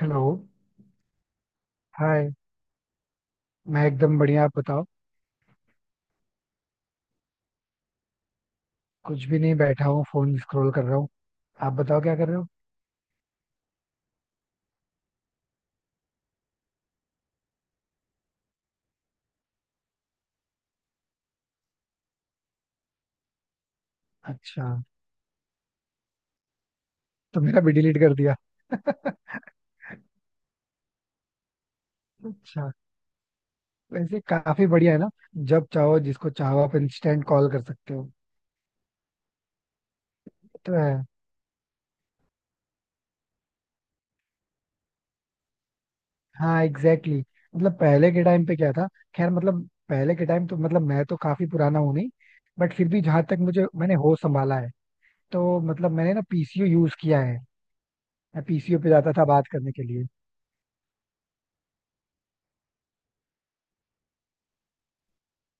Hello. Hi, मैं एकदम बढ़िया. आप बताओ. कुछ भी नहीं, बैठा हूँ फोन स्क्रॉल कर रहा हूँ. आप बताओ क्या कर रहे हो. अच्छा, तो मेरा भी डिलीट कर दिया. अच्छा, वैसे काफी बढ़िया है ना. जब चाहो जिसको चाहो आप इंस्टेंट कॉल कर सकते हो. ये तो है. हाँ एग्जैक्टली exactly. पहले के टाइम पे क्या था. खैर, पहले के टाइम तो मैं तो काफी पुराना हूँ नहीं, बट फिर भी जहां तक मुझे मैंने होश संभाला है, तो मैंने ना पीसीओ यूज किया है. मैं पीसीओ पे जाता था बात करने के लिए.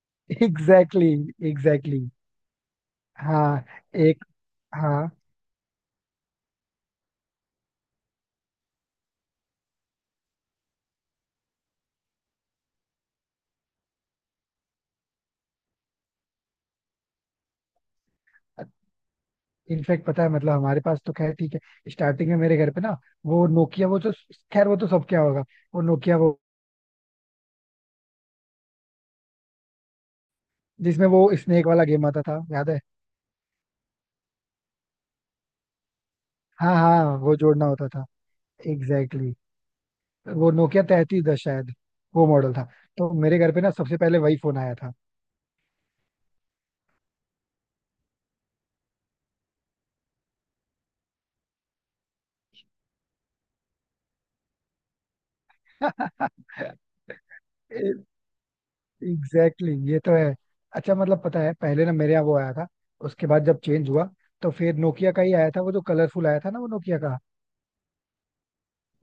Exactly exactly, exactly exactly. हाँ, एक, हाँ, इनफैक्ट पता है, हमारे पास तो खैर ठीक है. स्टार्टिंग में मेरे घर पे ना वो नोकिया वो जो, खैर वो तो सब क्या होगा. वो नोकिया वो जिसमें वो स्नेक वाला गेम आता था, याद है. हाँ हाँ, वो जोड़ना होता था. Exactly exactly. वो नोकिया 3310 शायद वो मॉडल था. तो मेरे घर पे ना सबसे पहले वही फोन आया था. एग्जैक्टली exactly, ये तो है. अच्छा, पता है पहले ना मेरे यहाँ वो आया था. उसके बाद जब चेंज हुआ तो फिर नोकिया का ही आया था, वो जो कलरफुल आया था ना वो नोकिया का,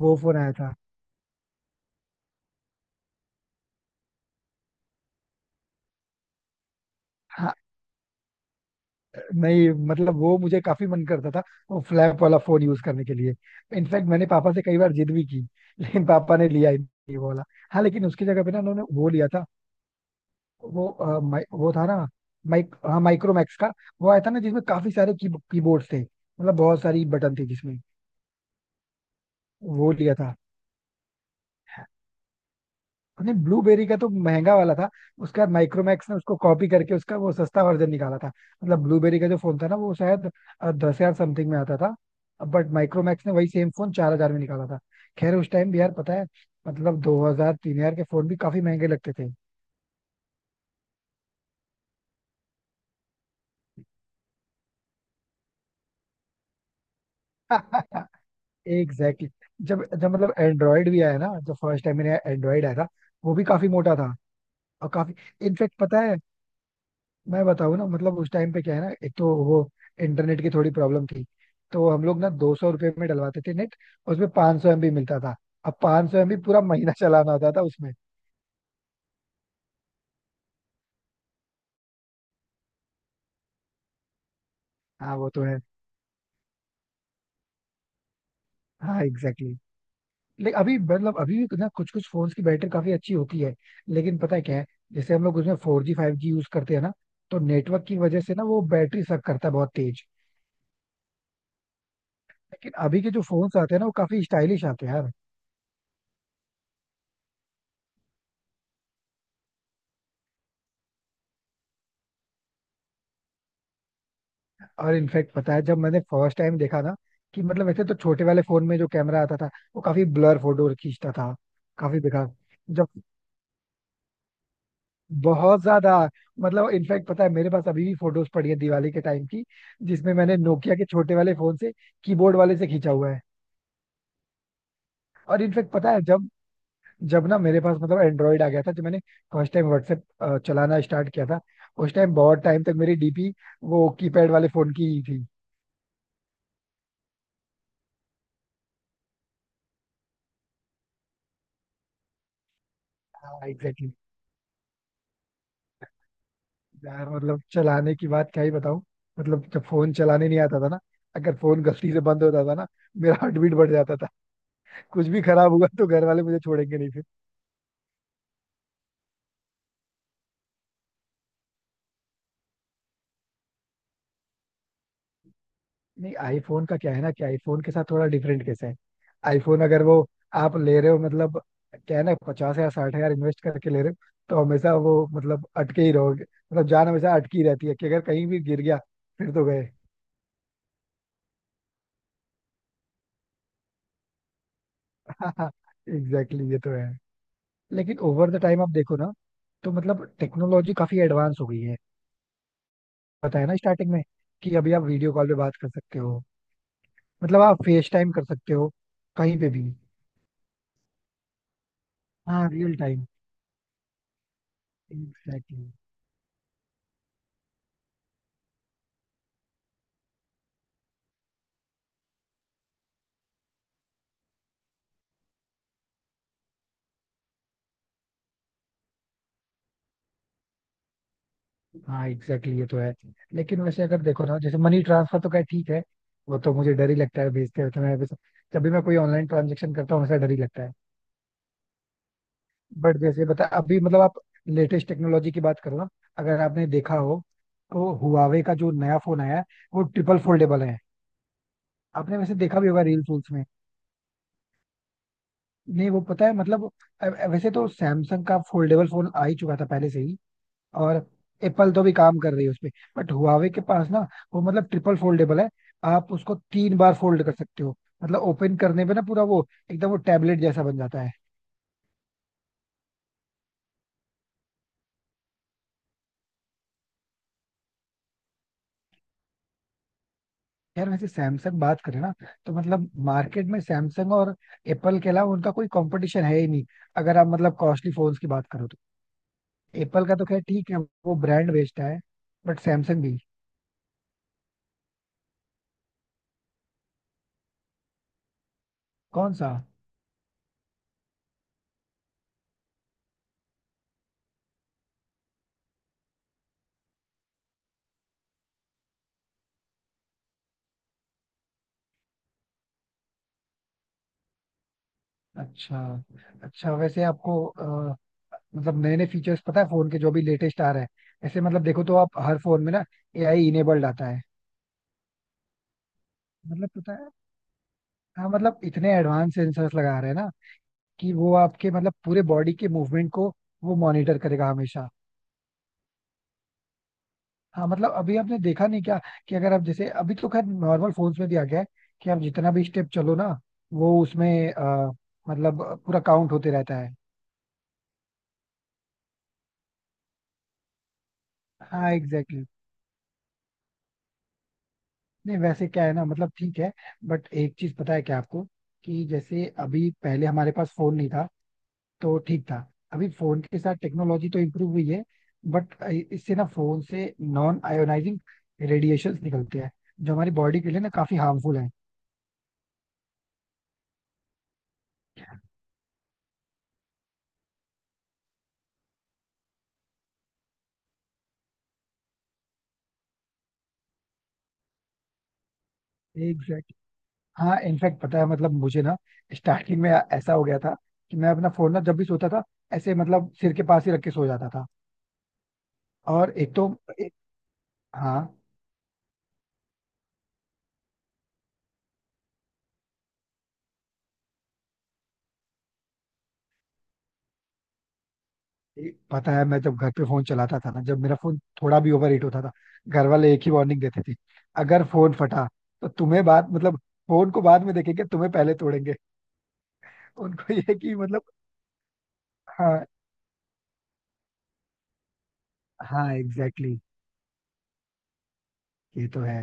वो फोन आया था. हाँ, नहीं वो मुझे काफी मन करता था, वो फ्लैप वाला फोन यूज करने के लिए. इनफैक्ट मैंने पापा से कई बार जिद भी की, लेकिन पापा ने लिया ही नहीं वो वाला. हाँ, लेकिन उसकी जगह पे ना उन्होंने वो लिया था. वो वो था ना, माइक, हाँ माइक्रोमैक्स का. वो आया था ना जिसमें काफी सारे कीबोर्ड थे, बहुत सारी बटन थे जिसमें, वो लिया था. नहीं, ब्लूबेरी का तो महंगा वाला था. उसके बाद माइक्रोमैक्स ने उसको कॉपी करके उसका वो सस्ता वर्जन निकाला था. ब्लूबेरी का जो फोन था ना वो शायद 10,000 समथिंग में आता था, बट माइक्रोमैक्स ने वही सेम फोन 4,000 में निकाला था. खैर, उस टाइम भी यार पता है, 2,000 3,000 के फोन भी काफी महंगे लगते थे. Exactly exactly. जब जब एंड्रॉयड भी आया ना, जब फर्स्ट टाइम मैंने एंड्रॉयड आया था, वो भी काफी मोटा था. और काफी, इनफेक्ट पता है, मैं बताऊँ ना, उस टाइम पे क्या है ना, एक तो वो इंटरनेट की थोड़ी प्रॉब्लम थी. तो हम लोग ना 200 रुपये में डलवाते थे नेट, उसमें 500 MB मिलता था. अब पाँच सौ एमबी पूरा महीना चलाना होता था उसमें. हाँ, वो तो है. हाँ एग्जैक्टली exactly. लेकिन अभी, अभी भी ना कुछ कुछ फोन्स की बैटरी काफी अच्छी होती है. लेकिन पता है क्या है, जैसे हम लोग उसमें 4G 5G यूज करते हैं ना, तो नेटवर्क की वजह से ना वो बैटरी सक करता है बहुत तेज. लेकिन अभी के जो फोन्स आते हैं ना, वो काफी स्टाइलिश आते हैं यार. और इनफैक्ट पता है, जब मैंने फर्स्ट टाइम देखा ना, कि वैसे तो छोटे वाले फोन में जो कैमरा आता था वो काफी ब्लर फोटो खींचता था. काफी बेकार. जब, बहुत ज्यादा, इनफैक्ट पता है मेरे पास अभी भी फोटोज पड़ी है दिवाली के टाइम की, जिसमें मैंने नोकिया के छोटे वाले फोन से, कीबोर्ड वाले से खींचा हुआ है. और इनफैक्ट पता है जब, ना मेरे पास एंड्रॉइड आ गया था, जब मैंने फर्स्ट टाइम व्हाट्सएप चलाना स्टार्ट किया था, उस टाइम बहुत टाइम तक मेरी डीपी वो कीपैड वाले फोन की ही थी. हाँ, यार चलाने की बात क्या ही बताऊं. जब फोन चलाने नहीं आता था ना, अगर फोन गलती से बंद होता था ना, मेरा हार्ट बीट बढ़ जाता था. कुछ भी खराब हुआ तो घर वाले मुझे छोड़ेंगे नहीं फिर. नहीं, आईफोन का क्या है ना, कि आईफोन के साथ थोड़ा डिफरेंट कैसे है. आईफोन अगर वो आप ले रहे हो, क्या है ना 50 या 60,000 इन्वेस्ट करके ले रहे हो, तो हमेशा वो अटके ही रहोगे. जान हमेशा अटकी रहती है कि अगर कहीं भी गिर गया फिर तो गए. एग्जैक्टली exactly, ये तो है. लेकिन ओवर द टाइम आप देखो ना, तो टेक्नोलॉजी काफी एडवांस हो गई है. पता है ना स्टार्टिंग में, कि अभी आप वीडियो कॉल पे बात कर सकते हो, आप फेस टाइम कर सकते हो कहीं पे भी. हाँ, रियल टाइम, एग्जैक्टली. हाँ एग्जैक्टली, ये तो है. लेकिन वैसे अगर देखो ना, जैसे मनी ट्रांसफर तो क्या ठीक है, वो तो मुझे डर ही लगता है भेजते हुए. मैं जब भी मैं कोई ऑनलाइन ट्रांजेक्शन करता हूँ, ऐसा डर ही लगता है. बट जैसे बता अभी, आप लेटेस्ट टेक्नोलॉजी की बात करो ना, अगर आपने देखा हो, तो हुआवे का जो नया फोन आया है वो ट्रिपल फोल्डेबल है. आपने वैसे देखा भी होगा रील फूल्स में. नहीं, वो पता है वैसे तो सैमसंग का फोल्डेबल फोन आ ही चुका था पहले से ही. और एप्पल तो भी काम कर रही है उस पे. बट हुआवे के पास ना, वो ट्रिपल फोल्डेबल है. आप उसको तीन बार फोल्ड कर सकते हो. ओपन करने पे ना पूरा वो एकदम वो टैबलेट जैसा बन जाता है. यार वैसे सैमसंग बात करें ना, तो मार्केट में सैमसंग और एप्पल के अलावा उनका कोई कंपटीशन है ही नहीं, अगर आप कॉस्टली फोन्स की बात करो तो. एप्पल का तो खैर ठीक है, वो ब्रांड बेचता है. बट सैमसंग भी. कौन सा. अच्छा. अच्छा वैसे आपको नए नए फीचर्स पता है फोन के जो भी लेटेस्ट आ रहे हैं, ऐसे देखो तो आप हर फोन में ना एआई इनेबल्ड आता है. पता है, हाँ इतने एडवांस सेंसर्स लगा रहे हैं ना, कि वो आपके पूरे बॉडी के मूवमेंट को वो मॉनिटर करेगा हमेशा. हाँ अभी आपने देखा नहीं क्या, कि अगर आप जैसे, अभी तो खैर नॉर्मल फोन्स में भी आ गया है कि आप जितना भी स्टेप चलो ना, वो उसमें पूरा काउंट होते रहता है. हाँ एग्जैक्टली. नहीं वैसे क्या है ना, ठीक है, बट एक चीज पता है क्या आपको, कि जैसे अभी, पहले हमारे पास फोन नहीं था तो ठीक था. अभी फोन के साथ टेक्नोलॉजी तो इम्प्रूव हुई है, बट इससे ना फोन से नॉन आयोनाइजिंग रेडिएशंस निकलते हैं, जो हमारी बॉडी के लिए ना काफी हार्मफुल है. एग्जैक्ट, हाँ इनफैक्ट पता है, मुझे ना स्टार्टिंग में ऐसा हो गया था कि मैं अपना फोन ना जब भी सोता था ऐसे सिर के पास ही रख के सो जाता था. और एक तो, एक, हाँ ये पता है, मैं जब घर पे फोन चलाता था ना, जब मेरा फोन थोड़ा भी ओवर हीट होता था, घर वाले एक ही वार्निंग देते थे, अगर फोन फटा तो तुम्हें बात मतलब फोन को बाद में देखेंगे, तुम्हें पहले तोड़ेंगे. उनको ये है कि हाँ, हाँ एग्जैक्टली exactly, ये तो है.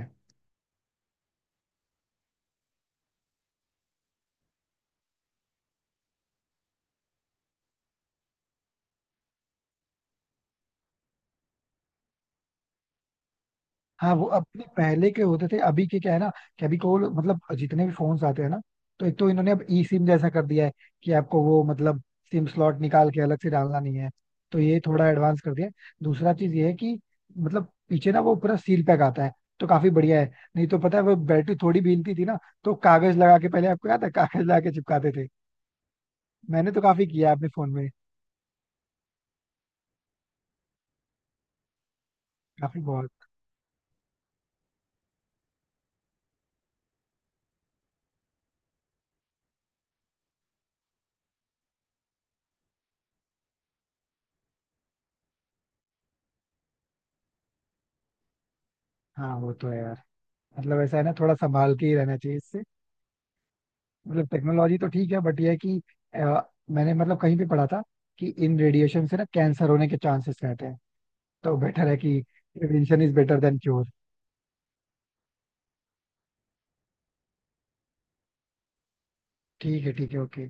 हाँ वो अपने पहले के होते थे. अभी के क्या है ना, कि अभी को जितने भी फोन्स आते हैं ना, तो एक तो इन्होंने अब ई सिम जैसा कर दिया है, कि आपको वो सिम स्लॉट निकाल के अलग से डालना नहीं है. तो ये थोड़ा एडवांस कर दिया है. दूसरा चीज ये है कि पीछे ना वो पूरा सील पैक आता है तो काफी बढ़िया है. नहीं तो पता है वो बैटरी थोड़ी भी हिलती थी ना, तो कागज लगा के, पहले आपको याद है, कागज लगा के चिपकाते थे. मैंने तो काफी किया है अपने फोन में. काफी बहुत. हाँ वो तो है यार. ऐसा है ना, थोड़ा संभाल के ही रहना चाहिए इससे. टेक्नोलॉजी तो ठीक है, बट ये है कि अ, मैंने कहीं भी पढ़ा था कि इन रेडिएशन से ना कैंसर होने के चांसेस रहते हैं. तो बेटर है कि prevention is better than cure. ठीक है, ठीक है, ओके.